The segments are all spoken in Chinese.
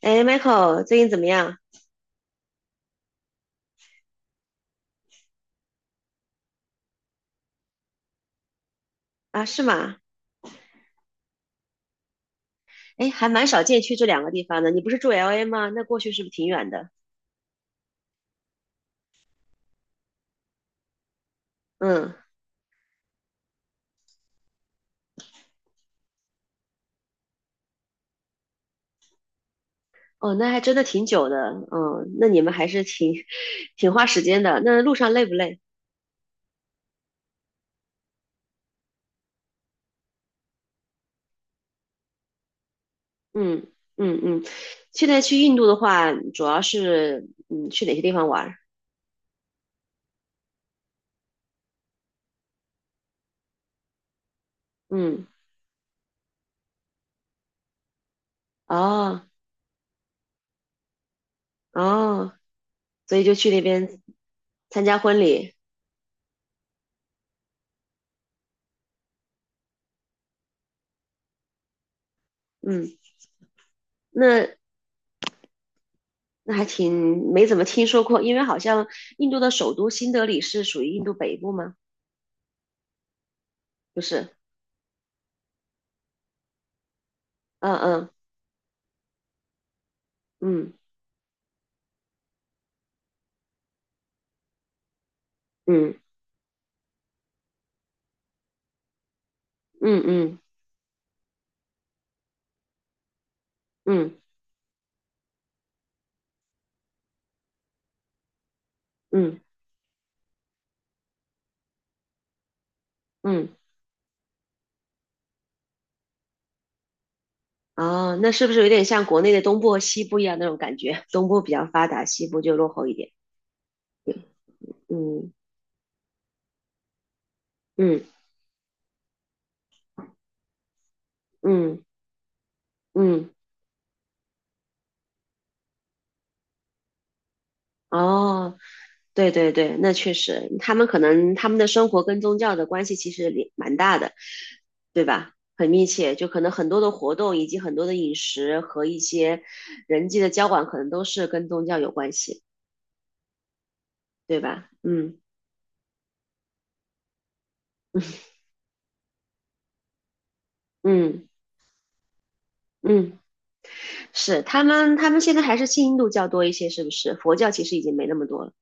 哎，Michael，最近怎么样啊？是吗？哎，还蛮少见去这两个地方的。你不是住 LA 吗？那过去是不是挺远的？嗯，哦，那还真的挺久的。嗯，那你们还是挺 挺花时间的。那路上累不累？嗯嗯嗯。现在去印度的话，主要是去哪些地方玩儿？嗯，哦哦，所以就去那边参加婚礼。嗯，那那还挺没怎么听说过，因为好像印度的首都新德里是属于印度北部吗？不是，嗯嗯嗯嗯嗯嗯嗯嗯嗯，哦，那是不是有点像国内的东部和西部一样那种感觉？东部比较发达，西部就落后一点。嗯嗯嗯嗯，哦，对对对，那确实，他们可能他们的生活跟宗教的关系其实也蛮大的，对吧？很密切，就可能很多的活动以及很多的饮食和一些人际的交往，可能都是跟宗教有关系，对吧？嗯嗯嗯，嗯，是，他们现在还是信印度教多一些，是不是？佛教其实已经没那么多了。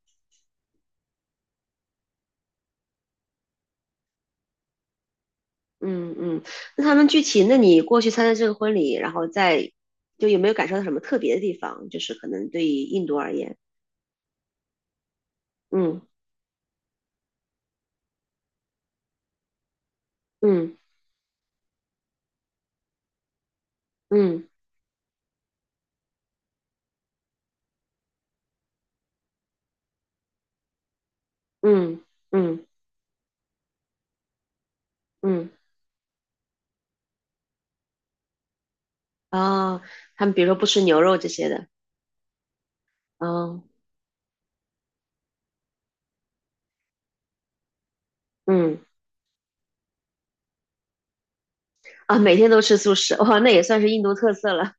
嗯嗯，那他们具体，那你过去参加这个婚礼，然后再就有没有感受到什么特别的地方？就是可能对于印度而言，嗯嗯。嗯嗯嗯嗯，哦，他们比如说不吃牛肉这些的，哦，嗯啊，每天都吃素食，哇，那也算是印度特色了。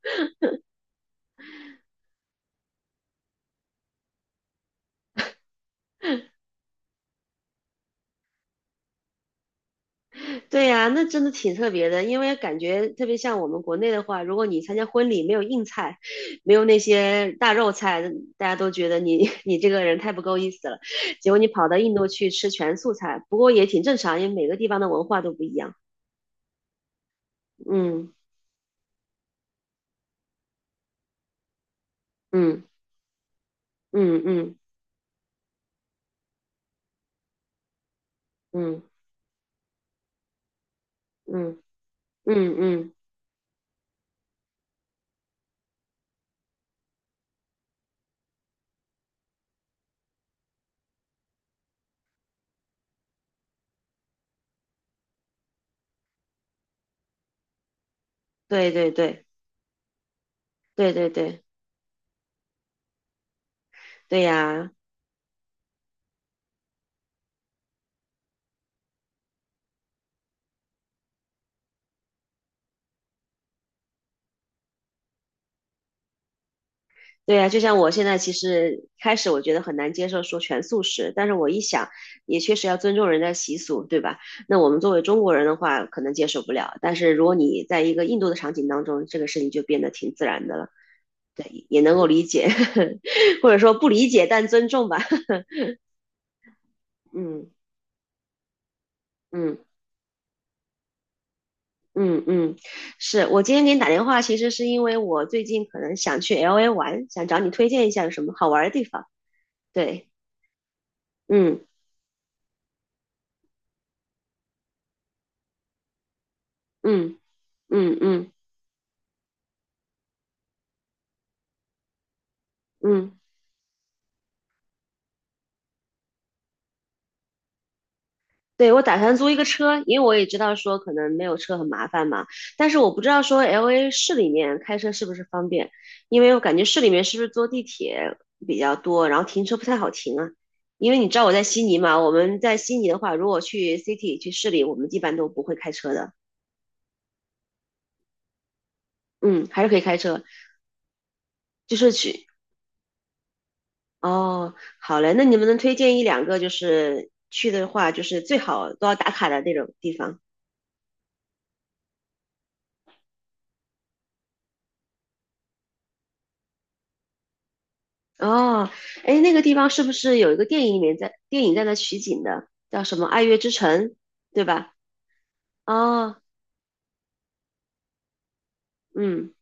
对呀，那真的挺特别的，因为感觉特别像我们国内的话，如果你参加婚礼没有硬菜，没有那些大肉菜，大家都觉得你 你这个人太不够意思了。结果你跑到印度去吃全素菜，不过也挺正常，因为每个地方的文化都不一样。嗯嗯嗯嗯嗯嗯嗯嗯，对对对。对对对对呀，对呀，就像我现在其实开始我觉得很难接受说全素食，但是我一想，也确实要尊重人家习俗，对吧？那我们作为中国人的话，可能接受不了，但是如果你在一个印度的场景当中，这个事情就变得挺自然的了，对，也能够理解，或者说不理解但尊重吧，嗯嗯。嗯嗯，是我今天给你打电话，其实是因为我最近可能想去 LA 玩，想找你推荐一下有什么好玩的地方。对，嗯嗯。嗯嗯嗯，对，我打算租一个车，因为我也知道说可能没有车很麻烦嘛，但是我不知道说 LA 市里面开车是不是方便，因为我感觉市里面是不是坐地铁比较多，然后停车不太好停啊，因为你知道我在悉尼嘛，我们在悉尼的话，如果去 city 去市里，我们一般都不会开车的，嗯，还是可以开车，就是去，哦，好嘞，那你们能推荐一两个就是去的话，就是最好都要打卡的那种地方？哦，哎，那个地方是不是有一个电影里面在电影在那取景的，叫什么《爱乐之城》，对吧？哦，嗯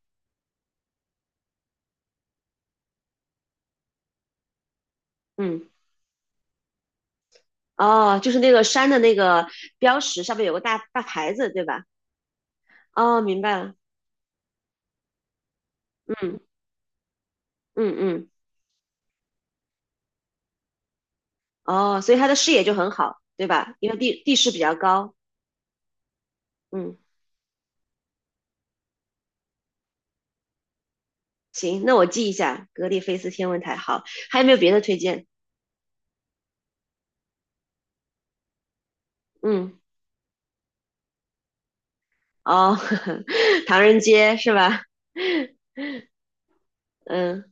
嗯，哦，就是那个山的那个标识上面有个大大牌子，对吧？哦，明白了，嗯嗯嗯，哦，所以它的视野就很好，对吧？因为地势比较高，嗯，行，那我记一下格里菲斯天文台，好，还有没有别的推荐？嗯，哦，唐人街是吧？嗯。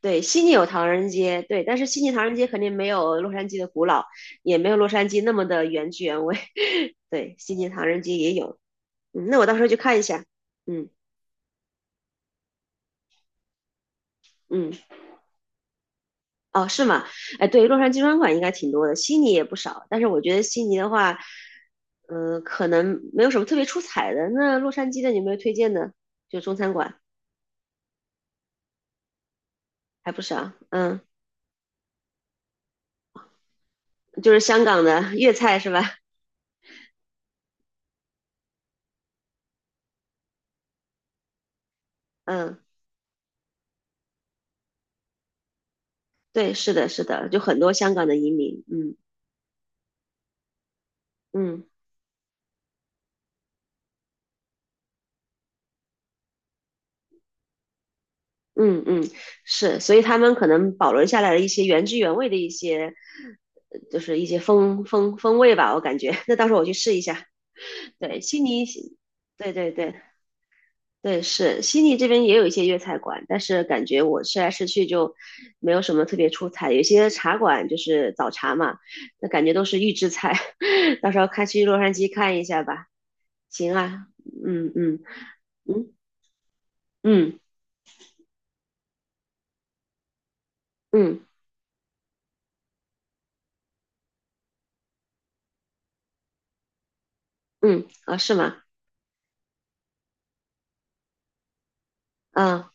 对，悉尼有唐人街，对，但是悉尼唐人街肯定没有洛杉矶的古老，也没有洛杉矶那么的原汁原味。对，悉尼唐人街也有，嗯，那我到时候去看一下。嗯嗯，哦，是吗？哎，对，洛杉矶专馆应该挺多的，悉尼也不少，但是我觉得悉尼的话，嗯，可能没有什么特别出彩的。那洛杉矶的有没有推荐的？就中餐馆还不少，嗯，就是香港的粤菜是吧？嗯，对，是的，是的，就很多香港的移民，嗯嗯。嗯嗯，是，所以他们可能保留下来了一些原汁原味的一些，就是一些风味吧，我感觉。那到时候我去试一下。对，悉尼，对对对对，是悉尼这边也有一些粤菜馆，但是感觉我吃来吃去就没有什么特别出彩。有些茶馆就是早茶嘛，那感觉都是预制菜。到时候看去洛杉矶看一下吧。行啊，嗯嗯嗯嗯嗯嗯，啊，是吗？嗯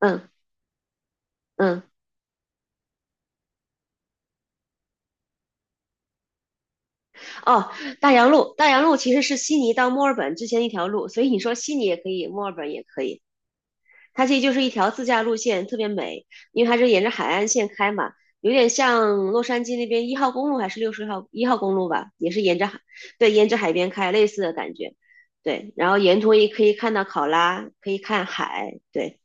嗯嗯。哦，大洋路，大洋路其实是悉尼到墨尔本之前一条路，所以你说悉尼也可以，墨尔本也可以。它其实就是一条自驾路线，特别美，因为它是沿着海岸线开嘛，有点像洛杉矶那边一号公路还是60号一号公路吧，也是沿着海，对，沿着海边开，类似的感觉。对，然后沿途也可以看到考拉，可以看海。对，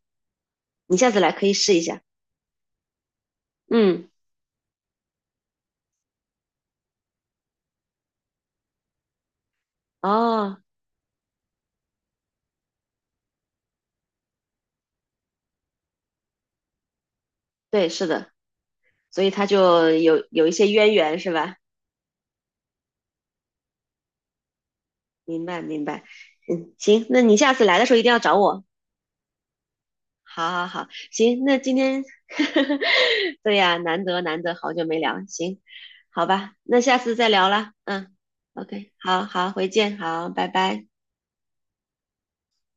你下次来可以试一下。嗯，哦，对，是的，所以它就有一些渊源，是吧？明白明白，嗯，行，那你下次来的时候一定要找我。好好好，行，那今天，对呀，难得难得，好久没聊，行，好吧，那下次再聊啦，嗯，OK,好好，回见，好，拜拜。